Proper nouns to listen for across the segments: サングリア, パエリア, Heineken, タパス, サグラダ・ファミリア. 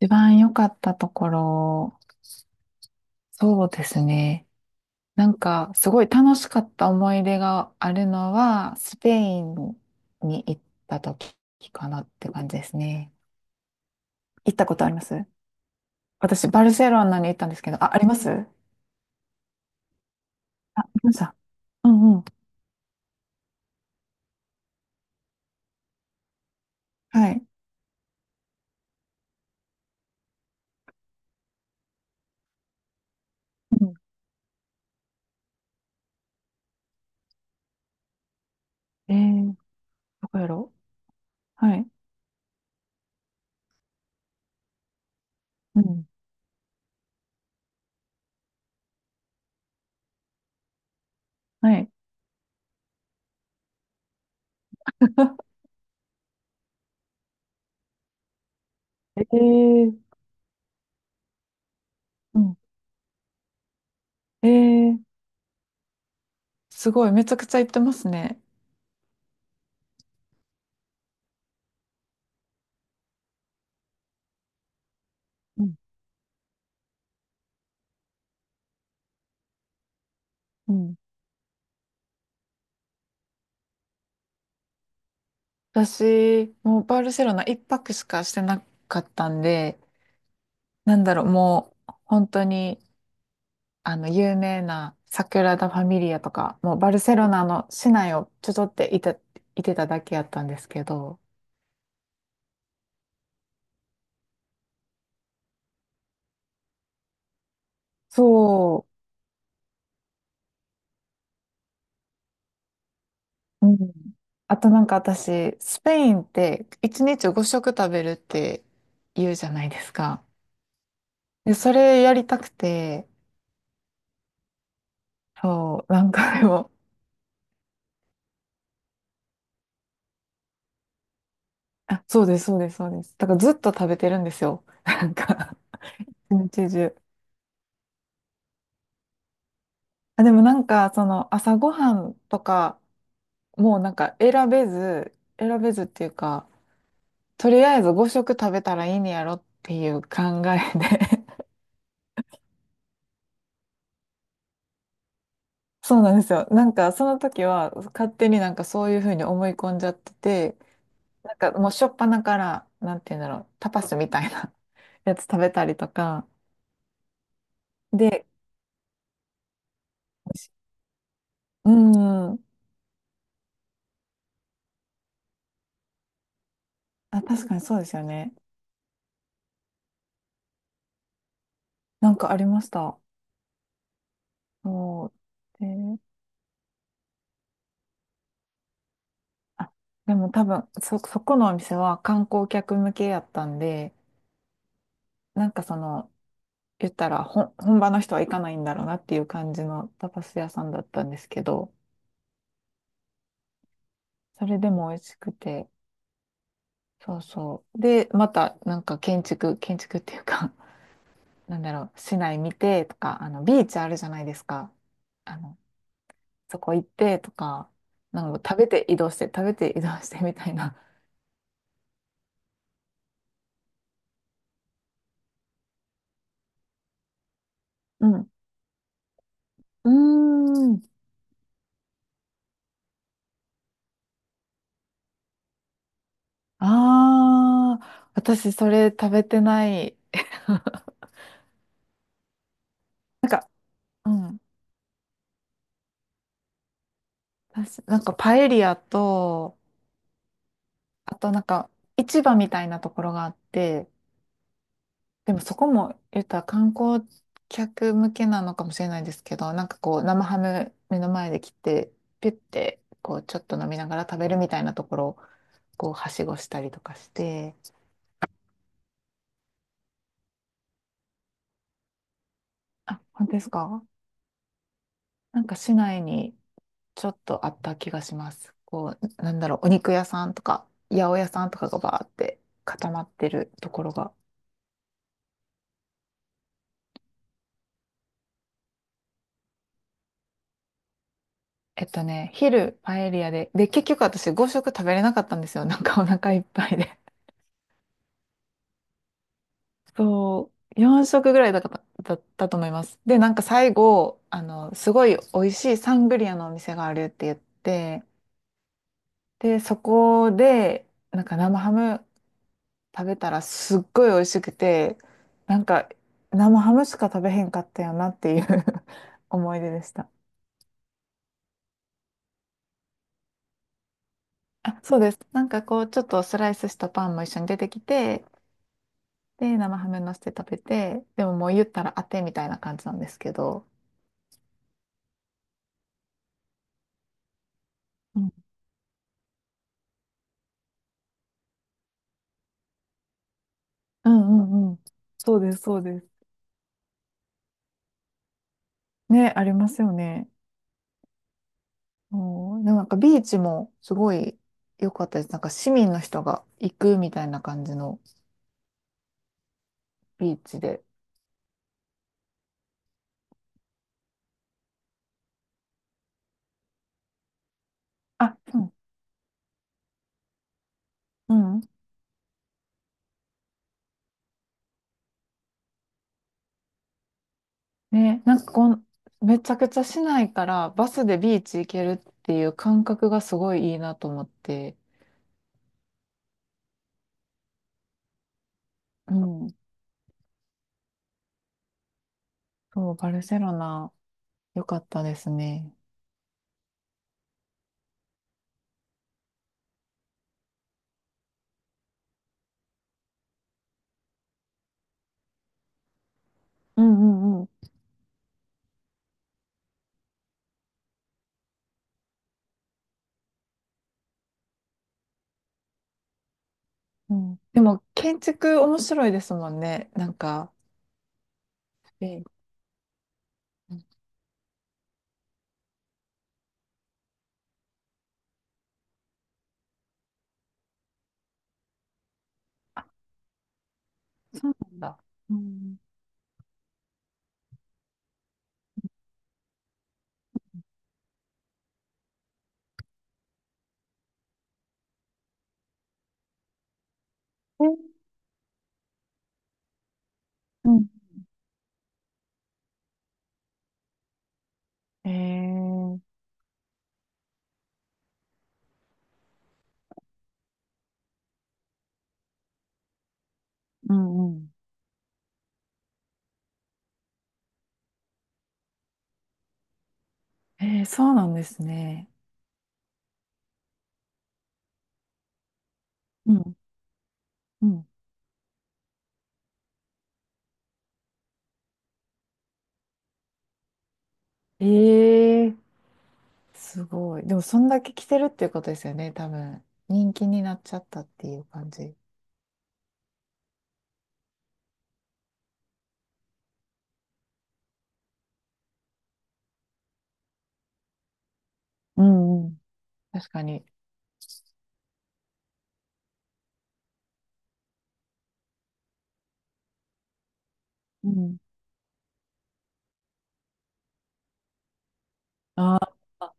一番良かったところ、そうですね。なんか、すごい楽しかった思い出があるのは、スペインに行った時かなって感じですね。行ったことあります？私、バルセロナに行ったんですけど、あ、あります。あ、ありました。うんうん。はい。うん。えー、どこやろ。うはい。うん。はい。えー、うん。えー、すごい、めちゃくちゃ行ってますね。うん。うん、私、もうバルセロナ一泊しかしてなかったんで、なんだろう、もう本当に、あの、有名なサグラダ・ファミリアとか、もうバルセロナの市内をちょっていて、いてただけやったんですけど、そう、うん。あとなんか私、スペインって一日5食食べるって言うじゃないですか。で、それやりたくて、そう、なんかでも、あ、そうです、そうです、そうです。だからずっと食べてるんですよ。なんか一日中。あ、でもなんか、その朝ごはんとか、もうなんか選べず、選べずっていうか、とりあえず5食食べたらいいんやろっていう考えで。 そうなんですよ。なんかその時は勝手になんかそういうふうに思い込んじゃってて、なんかもうしょっぱなから、なんて言うんだろう、タパスみたいな やつ食べたりとか、で、うん、あ、確かにそうですよね。なんかありました。そう。あ、でも多分そこのお店は観光客向けやったんで、なんかその、言ったら本場の人は行かないんだろうなっていう感じのタパス屋さんだったんですけど、それでも美味しくて、そうそう。で、またなんか建築、建築っていうか なんだろう、市内見てとか、あの、ビーチあるじゃないですか。あの、そこ行ってとか、なんか食べて移動して、食べて移動してみたいな。うん。うーん。ああ、私それ食べてない。なんか、うん。私、なんかパエリアと、あとなんか市場みたいなところがあって、でもそこも言ったら観光客向けなのかもしれないですけど、なんかこう生ハム目の前で切って、ピュッてこうちょっと飲みながら食べるみたいなところをこうはしごしたりとかして、あ、本当ですか？なんか市内にちょっとあった気がします。こう、なんだろう、お肉屋さんとか、八百屋さんとかがバーって固まってるところが。えっとね、昼パエリアで、で、結局私5食食べれなかったんですよ。なんかお腹いっぱいで。そう、4食ぐらいだったと思います。で、なんか最後、あの、すごい美味しいサングリアのお店があるって言って、で、そこで、なんか生ハム食べたらすっごい美味しくて、なんか生ハムしか食べへんかったよなっていう 思い出でした。あ、そうです。なんかこう、ちょっとスライスしたパンも一緒に出てきて、で、生ハム乗せて食べて、でももう言ったら当てみたいな感じなんですけど。うんうんうんうん。そうです、そうです。ね、ありますよね。うん。でもなんかビーチもすごい良かったです。なんか市民の人が行くみたいな感じのビーチで。あ、うん。うん。ね、なんかめちゃくちゃ市内からバスでビーチ行けるっていう感覚がすごいいいなと思って。うん。そう、バルセロナ、良かったですね。うんうんうん。うん。でも、建築面白いですもんね。なんか、ええ。そうなんだ。うん。え、うん。えー、うんうん。えー、そうなんですね。うんうん。ええ、すごい。でも、そんだけ着てるっていうことですよね、多分。人気になっちゃったっていう感じ。うんうん。確かに。うん。ああ、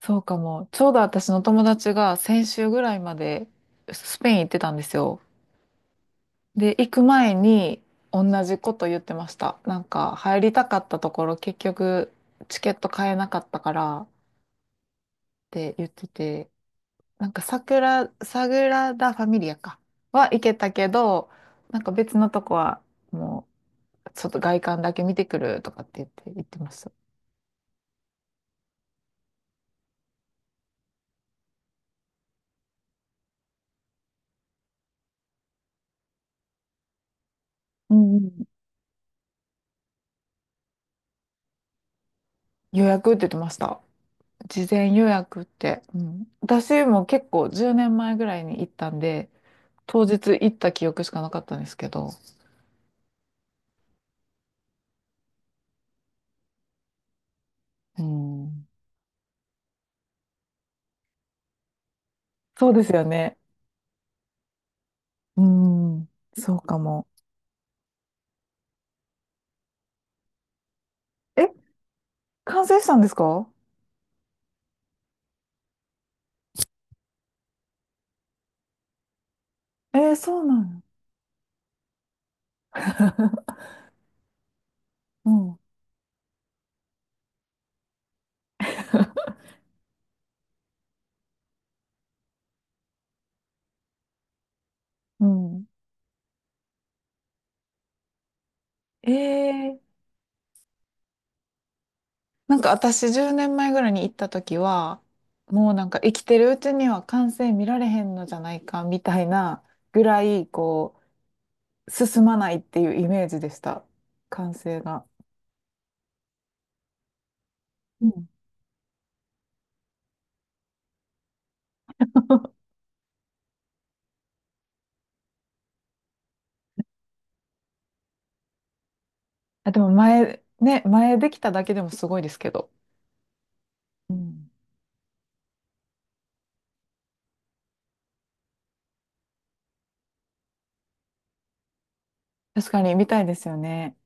そうかも。ちょうど私の友達が先週ぐらいまでスペイン行ってたんですよ。で、行く前に同じこと言ってました。なんか、入りたかったところ、結局、チケット買えなかったからって言ってて、なんか、サグラダ・ファミリアか。は行けたけど、なんか別のとこは、もう、ちょっと外観だけ見てくるとかって言って、言ってました。うんうん。予約って言ってました。事前予約って。うん、私も結構10年前ぐらいに行ったんで、当日行った記憶しかなかったんですけど。うん、そうですよね。うん、そうかも。え、完成したんですか？えー、そうなの。うん、うん。えーなんか私10年前ぐらいに行った時は、もうなんか生きてるうちには完成見られへんのじゃないかみたいなぐらい、こう、進まないっていうイメージでした。完成が。うん。あ、でも前、ね、前できただけでもすごいですけど。うん。確かに見たいですよね。